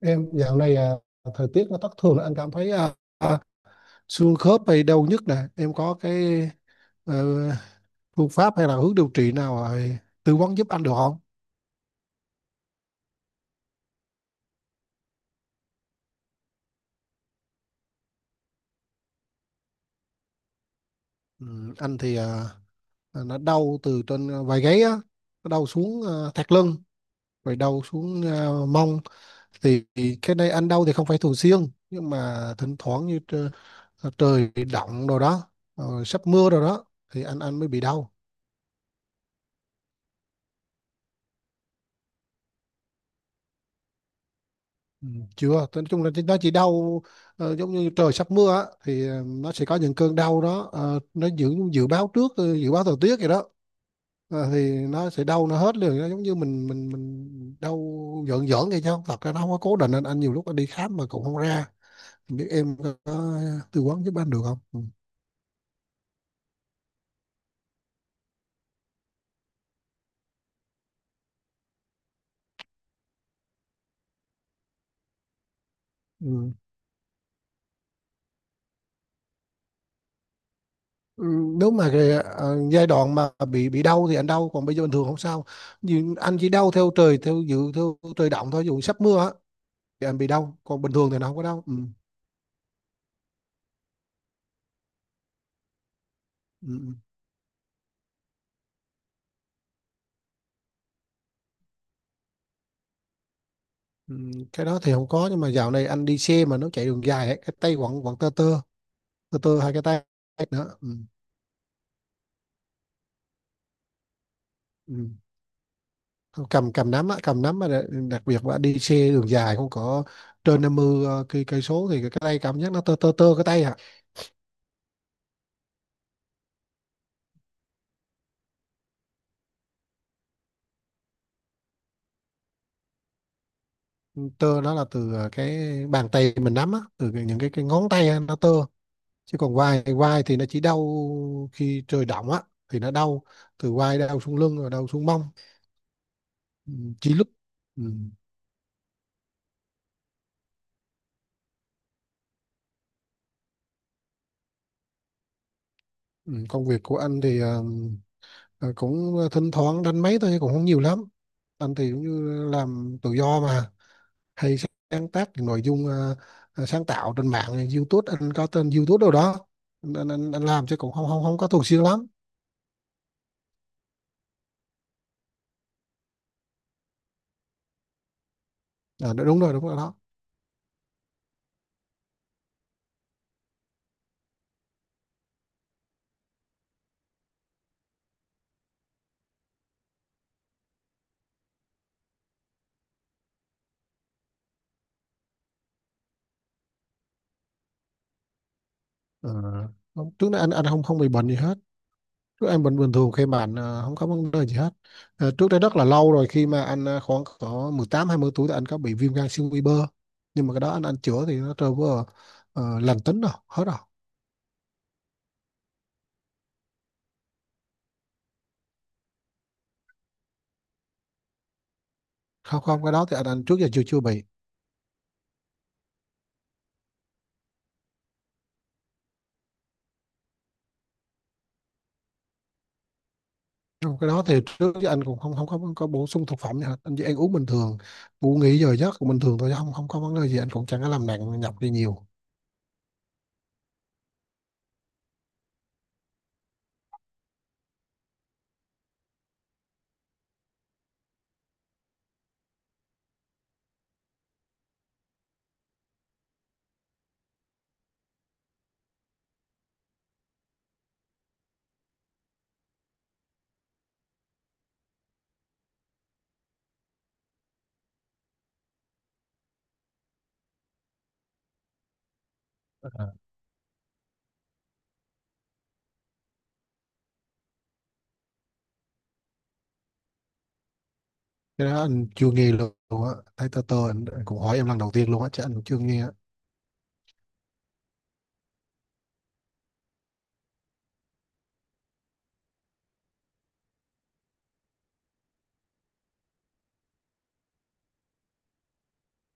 Em dạo này, thời tiết nó thất thường là anh cảm thấy xương khớp hay đau nhức nè, em có cái ờ, phương pháp hay là hướng điều trị nào tư vấn giúp anh được không? Ừ, anh thì nó đau từ trên vai gáy á, nó đau xuống thắt lưng, rồi đau xuống mông thì cái này anh đau thì không phải thường xuyên, nhưng mà thỉnh thoảng như trời động rồi đó. Sắp mưa rồi đó thì anh mới bị đau. Ừ, chưa. Nói chung là nó chỉ đau, giống như trời sắp mưa á, thì nó sẽ có những cơn đau đó, nó dự dự báo trước, dự báo thời tiết vậy đó. Thì nó sẽ đau, nó hết liền, nó giống như mình đau giỡn giỡn vậy, chứ không, thật ra nó không có cố định. Anh nhiều lúc anh đi khám mà cũng không ra. Không biết em có tư vấn giúp anh được không ừ. Ừ. Ừ, Nếu mà cái, giai đoạn mà bị đau thì anh đau, còn bây giờ bình thường không sao, nhưng anh chỉ đau theo trời, theo trời động thôi, dù sắp mưa á, thì anh bị đau, còn bình thường thì nó không có đau ừ. Ừ. Ừ. Cái đó thì không có, nhưng mà dạo này anh đi xe mà nó chạy đường dài ấy, cái tay quặn quặn tơ tơ tơ tơ hai cái tay nữa ừ. Ừ. cầm cầm nắm á, cầm nắm mà đặc đặc biệt là đi xe đường dài không có trên 50 cây cây số thì cái tay cảm giác nó tơ tơ tơ cái tay. Ừ, tơ nó là từ cái bàn tay mình nắm á, những cái ngón tay á, nó tơ. Chứ còn vai vai thì nó chỉ đau khi trời động á, thì nó đau từ vai, đau xuống lưng, rồi đau xuống mông. Ừ, chỉ lúc ừ. Ừ. Công việc của anh thì cũng thỉnh thoảng đánh máy thôi, cũng không nhiều lắm. Anh thì cũng như làm tự do mà, hay sáng tác những nội dung, sáng tạo trên mạng YouTube, anh có tên YouTube đâu đó. Anh làm chứ cũng không không không có thường xuyên lắm. Đúng rồi, đúng rồi đó. Ờ, trước đây anh không không bị bệnh gì hết. Trước anh bình bình thường, khi mà anh không có vấn đề gì hết. Trước đây rất là lâu rồi, khi mà anh khoảng có 18 20 tuổi thì anh có bị viêm gan siêu vi bơ. Nhưng mà cái đó anh chữa thì nó trở vừa lành tính rồi, hết rồi. Không, không, cái đó thì anh trước giờ chưa chưa bị. Trong cái đó thì trước giờ anh cũng không không có bổ sung thực phẩm gì hết. Anh chỉ ăn uống bình thường, ngủ nghỉ giờ giấc cũng bình thường thôi, chứ không không có vấn đề gì. Anh cũng chẳng có làm nặng nhọc gì nhiều. Ờ. Cái đó anh chưa nghe luôn á. Thấy tơ tơ, anh cũng hỏi em lần đầu tiên luôn á, chứ anh cũng chưa nghe á.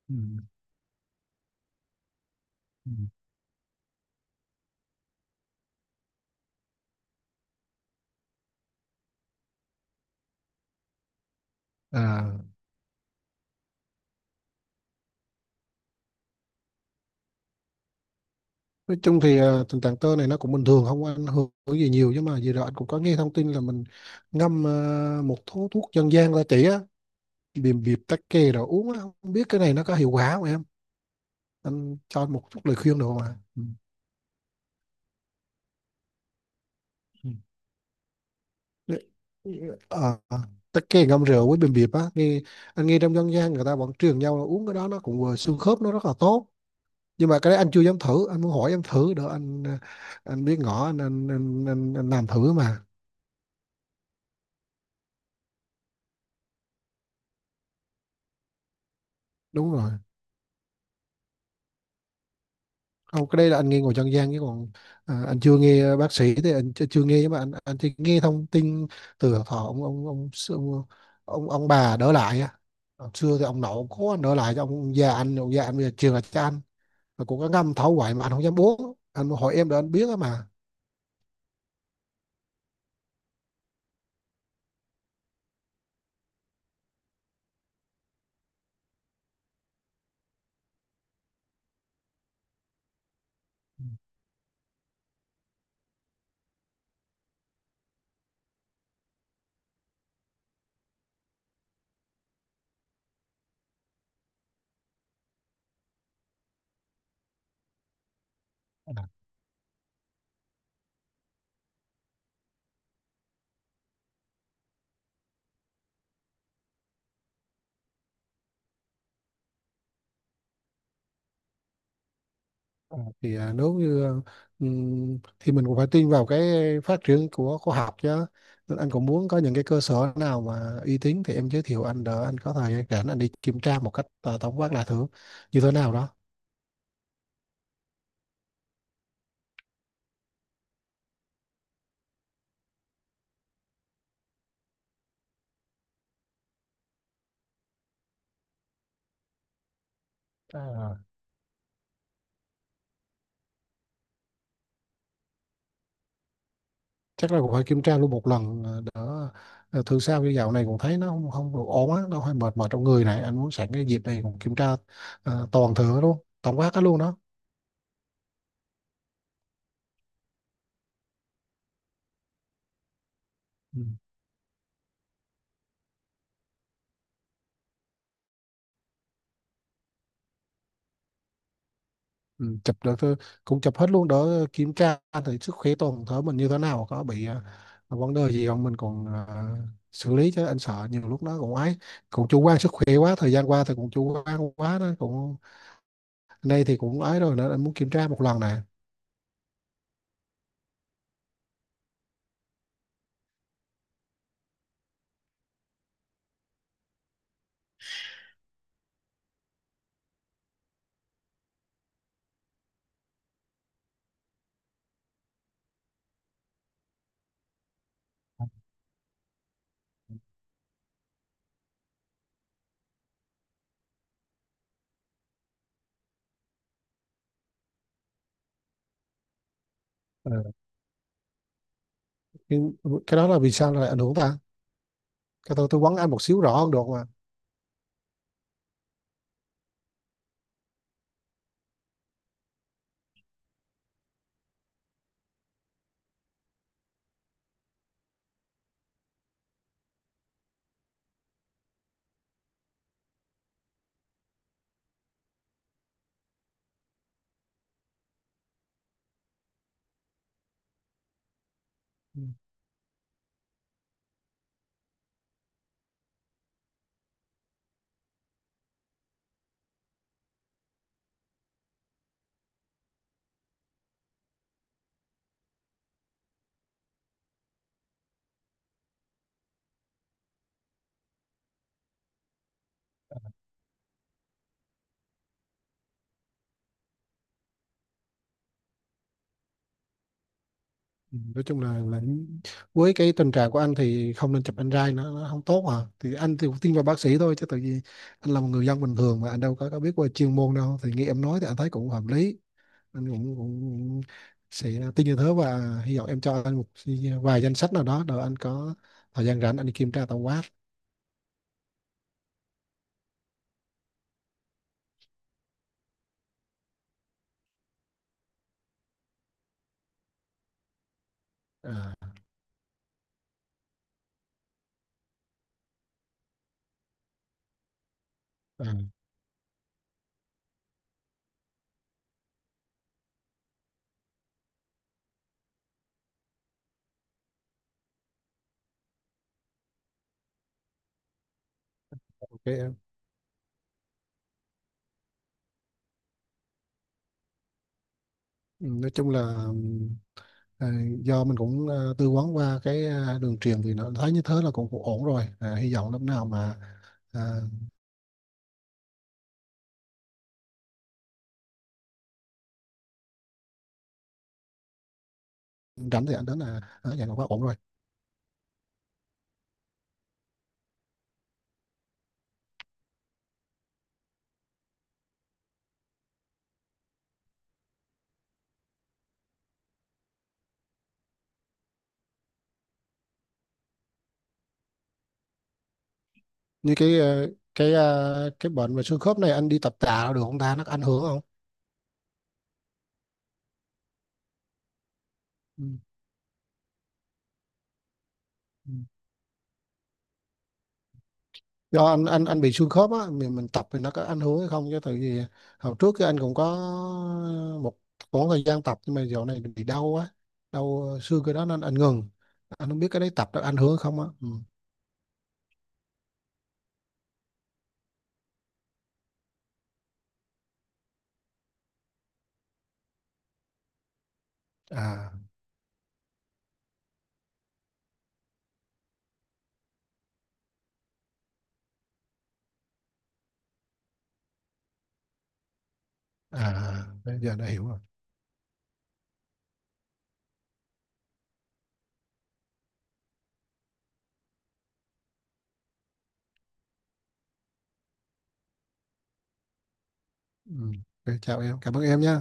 Ừ. Ừ. À, nói chung thì tình trạng tơ này nó cũng bình thường, không có ảnh hưởng gì nhiều, nhưng mà vừa rồi anh cũng có nghe thông tin là mình ngâm một thuốc thuốc dân gian, ra chỉ á, bìm bịp, tắc kè rồi uống á, không biết cái này nó có hiệu quả không em, anh cho anh một chút lời khuyên được không ạ Ừ. Ừ. Ờ, tắc kè ngâm rượu với bìm bịp á, nghe anh nghe trong dân gian, người ta vẫn truyền nhau là uống cái đó nó cũng vừa xương khớp, nó rất là tốt, nhưng mà cái đấy anh chưa dám thử. Anh muốn hỏi em thử đỡ anh, anh biết ngỏ anh làm thử mà. Đúng rồi. Không, cái đây là anh nghe ngồi dân gian chứ còn, anh chưa nghe bác sĩ thì anh chưa nghe, nhưng mà anh chỉ nghe thông tin từ họ ông, bà đỡ lại á. Hồi xưa thì ông nội, ông cố anh đỡ lại cho ông già anh, ông già anh bây giờ truyền lại cho anh, mà cũng có ngâm thấu hoài mà anh không dám uống. Anh hỏi em để anh biết á mà. Ờ, thì nếu như thì mình cũng phải tin vào cái phát triển của khoa học chứ. Nên anh cũng muốn có những cái cơ sở nào mà uy tín thì em giới thiệu anh đỡ, anh có thời gian rảnh anh đi kiểm tra một cách tổng quát, là thử như thế nào đó. À, chắc là cũng phải kiểm tra luôn một lần, đỡ thường sao, như dạo này cũng thấy nó không không được ổn á, nó hơi mệt mỏi trong người này, anh muốn sẵn cái dịp này cũng kiểm tra toàn thử luôn tổng quát hết luôn đó. Ừ. Ừ, chụp được thôi, cũng chụp hết luôn đỡ kiểm tra, thử sức khỏe toàn thể mình như thế nào, có bị vấn đề gì không mình còn xử lý chứ. Anh sợ nhiều lúc nó cũng ấy, cũng chủ quan sức khỏe quá, thời gian qua thì cũng chủ quan quá đó, cũng nay thì cũng ấy rồi nên anh muốn kiểm tra một lần nè. Ờ, nhưng cái đó là vì sao lại ảnh hưởng ta, cái tôi vấn anh một xíu rõ hơn được mà. Ừ. Ừ, nói chung là với cái tình trạng của anh thì không nên chụp anh, nó không tốt mà, thì anh thì cũng tin vào bác sĩ thôi. Chứ tự nhiên anh là một người dân bình thường mà anh đâu có biết về chuyên môn đâu, thì nghe em nói thì anh thấy cũng hợp lý. Anh cũng sẽ tin như thế, và hy vọng em cho anh một vài danh sách nào đó, rồi anh có thời gian rảnh anh đi kiểm tra tổng quát. À, à, ok em. Ừ, nói chung là. À, do mình cũng tư vấn qua cái đường truyền thì nó thấy như thế là cũng ổn rồi, hy vọng lúc nào mà à, rảnh thì anh đến là ở vậy là quá ổn rồi. Như cái bệnh về xương khớp này, anh đi tập tạ được không ta, nó có ảnh hưởng không? Ừ. Ừ. Do anh bị xương khớp á, mình tập thì nó có ảnh hưởng hay không, chứ tại vì hồi trước cái anh cũng có một khoảng thời gian tập, nhưng mà dạo này bị đau á, đau xương cái đó nên anh ngừng. Anh không biết cái đấy tập nó ảnh hưởng hay không á ừ. à bây giờ đã hiểu rồi ừ. Ok, chào em, cảm ơn em nhé.